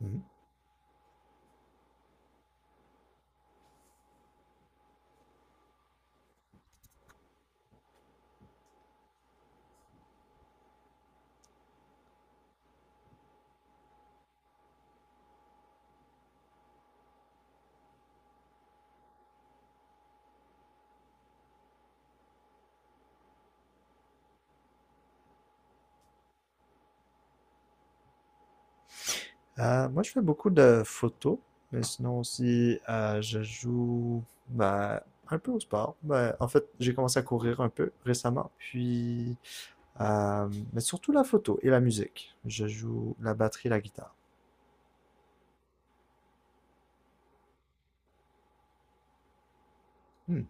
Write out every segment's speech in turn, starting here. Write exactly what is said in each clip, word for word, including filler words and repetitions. Mhm. Euh, moi, je fais beaucoup de photos, mais sinon aussi, euh, je joue bah, un peu au sport. Bah, en fait, j'ai commencé à courir un peu récemment, puis, euh, mais surtout la photo et la musique. Je joue la batterie, la guitare. Hmm.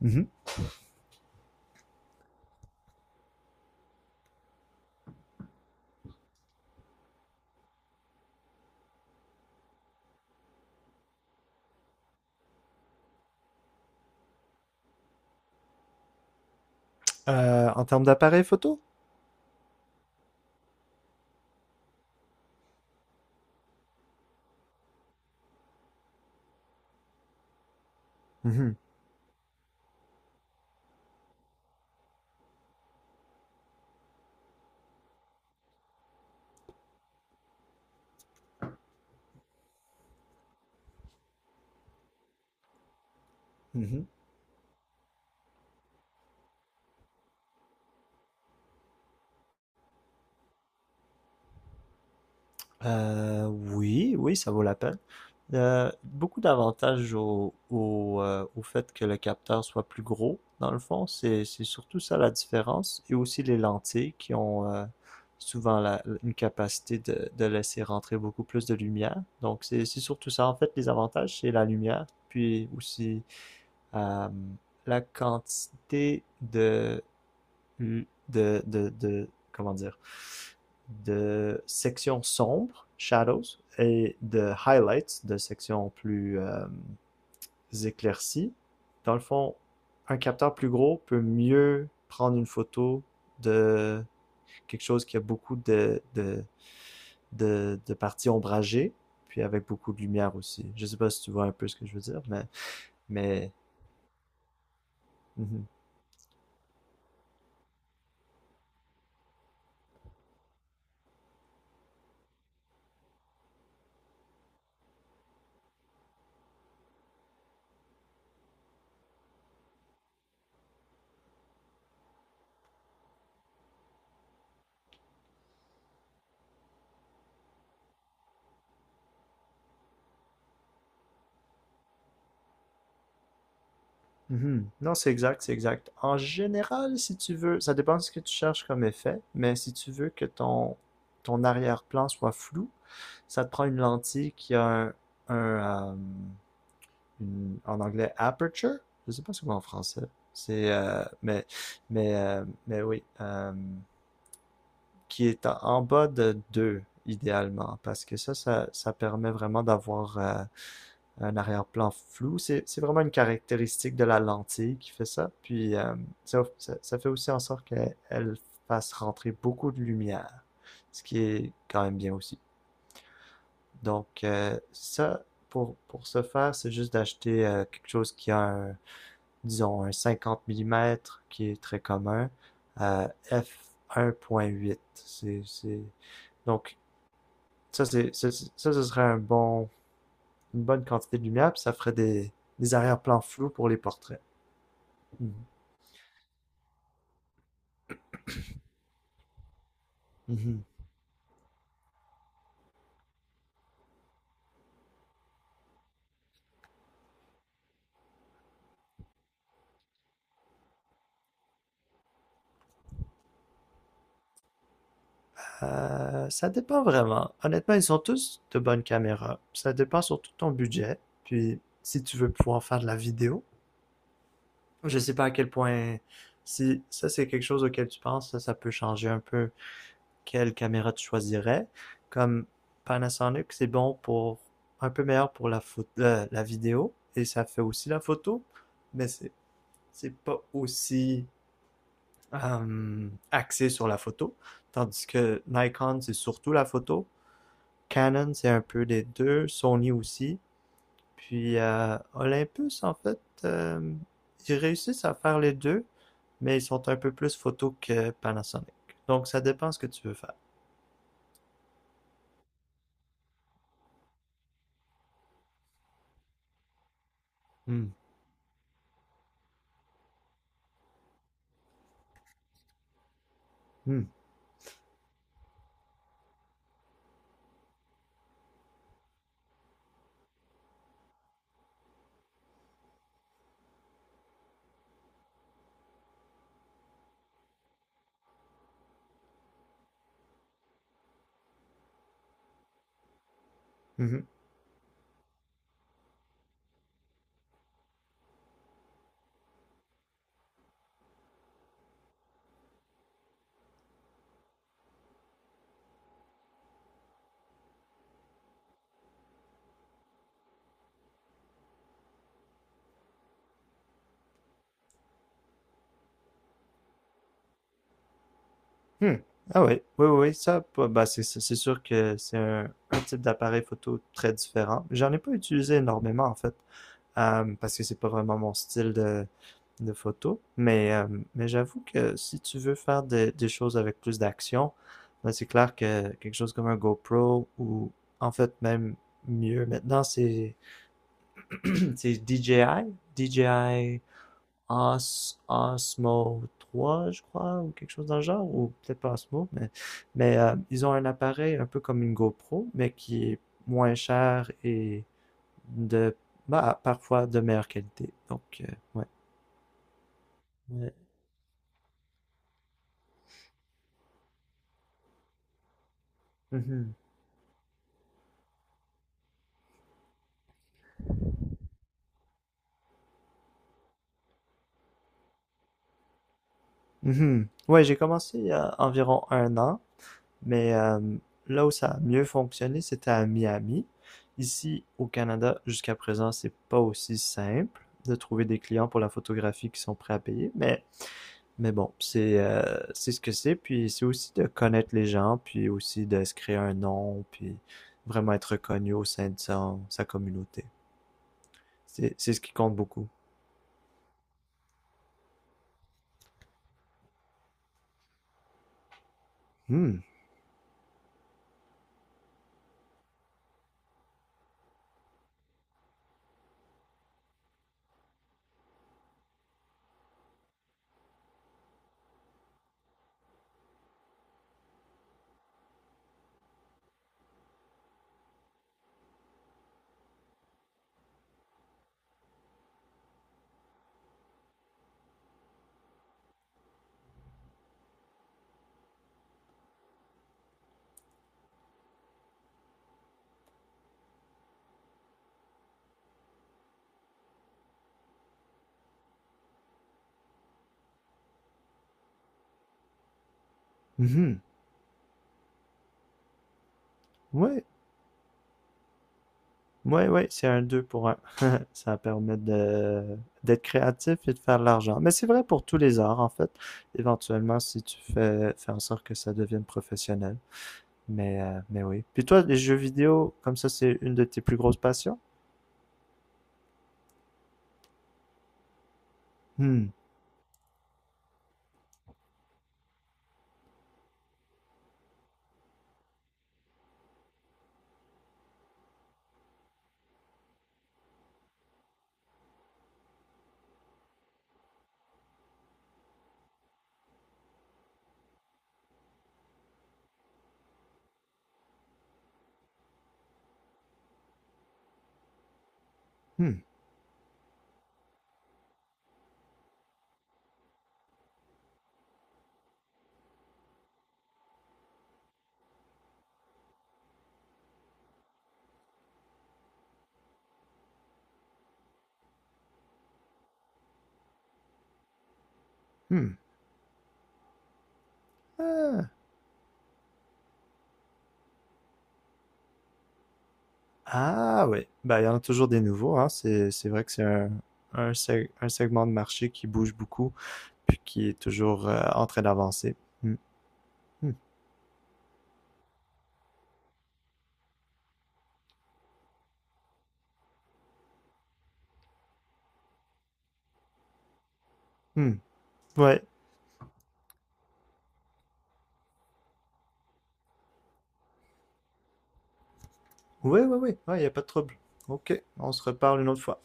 Mhm. Euh, en termes d'appareil photo? Mhm. Mhm. Euh, oui, oui, ça vaut la peine. Euh, beaucoup d'avantages au, au, euh, au fait que le capteur soit plus gros, dans le fond. C'est, c'est surtout ça la différence. Et aussi les lentilles qui ont euh, souvent la, une capacité de, de laisser rentrer beaucoup plus de lumière. Donc c'est, c'est surtout ça. En fait, les avantages, c'est la lumière, puis aussi euh, la quantité de, de, de, de, comment dire, de sections sombres, shadows, et de highlights, de sections plus euh, éclaircies. Dans le fond, un capteur plus gros peut mieux prendre une photo de quelque chose qui a beaucoup de, de, de, de parties ombragées, puis avec beaucoup de lumière aussi. Je sais pas si tu vois un peu ce que je veux dire, mais, mais mhm. Mhm. Non, c'est exact, c'est exact. En général, si tu veux, ça dépend de ce que tu cherches comme effet, mais si tu veux que ton, ton arrière-plan soit flou, ça te prend une lentille qui a un, un, euh, une- en anglais aperture. Je sais pas c'est quoi en français. C'est, euh, mais, mais, euh, mais oui, euh, qui est en, en bas de deux idéalement, parce que ça, ça, ça permet vraiment d'avoir euh, un arrière-plan flou. C'est c'est vraiment une caractéristique de la lentille qui fait ça. Puis euh, ça, ça- fait aussi en sorte qu'elle fasse rentrer beaucoup de lumière, ce qui est quand même bien aussi. Donc euh, ça, pour, pour ce faire, c'est juste d'acheter euh, quelque chose qui a un, disons, un cinquante millimètres qui est très commun, euh, f un.8. C'est, c'est... Donc ça, c'est- ça, ce serait un bon une bonne quantité de lumière, puis ça ferait des, des arrière-plans flous pour les portraits. Mhm. Euh, ça dépend vraiment. Honnêtement, ils sont tous de bonnes caméras. Ça dépend surtout de ton budget. Puis, si tu veux pouvoir faire de la vidéo, je sais pas à quel point. Si ça, c'est quelque chose auquel tu penses, ça, ça peut changer un peu quelle caméra tu choisirais. Comme Panasonic, c'est bon pour, un peu meilleur pour la, photo, euh, la vidéo. Et ça fait aussi la photo. Mais c'est c'est pas aussi euh, axé sur la photo, tandis que Nikon, c'est surtout la photo. Canon, c'est un peu les deux. Sony aussi. Puis euh, Olympus, en fait, euh, ils réussissent à faire les deux, mais ils sont un peu plus photo que Panasonic. Donc, ça dépend ce que tu veux faire. Hmm, hmm, mhm, hmm. Ah oui, oui, oui, oui, ça, bah, bah, c'est c'est- c'est sûr que c'est un, un type d'appareil photo très différent. J'en ai pas utilisé énormément, en fait, euh, parce que c'est pas vraiment mon style de, de photos. Mais, euh, mais j'avoue que si tu veux faire des, des choses avec plus d'action, ben, c'est clair que quelque chose comme un GoPro ou en fait même mieux maintenant, c'est c'est D J I, D J I Os- Osmo trois, je crois, ou quelque chose dans le genre, ou peut-être pas Osmo, mais, mais euh, ils ont un appareil un peu comme une GoPro, mais qui est moins cher et de bah, parfois de meilleure qualité. Donc, euh, ouais. Ouais. Mhm. Mhm. Ouais, j'ai commencé il y a environ un an, mais euh, là où ça a mieux fonctionné, c'était à Miami. Ici, au Canada, jusqu'à présent, c'est pas aussi simple de trouver des clients pour la photographie qui sont prêts à payer, mais, mais bon, c'est euh, c'est ce que c'est, puis c'est aussi de connaître les gens, puis aussi de se créer un nom, puis vraiment être reconnu au sein de sa, sa communauté. C'est c'est ce qui compte beaucoup. Hmm. Mhm. Ouais. Ouais, ouais, c'est un deux pour un. Ça permet de d'être créatif et de faire de l'argent. Mais c'est vrai pour tous les arts, en fait. Éventuellement, si tu fais, fais en sorte que ça devienne professionnel. Mais, euh, mais oui. Puis toi, les jeux vidéo, comme ça, c'est une de tes plus grosses passions? Hmm, hmm, hmm. Ah, ah oui. Ben, il y en a toujours des nouveaux, hein. C'est, c'est vrai que c'est un, un, seg- un segment de marché qui bouge beaucoup, puis qui est toujours euh, en train d'avancer. Hmm, hmm, hmm. Ouais, ouais, ouais, ouais, ouais, il y a pas de trouble. OK, on se reparle une autre fois.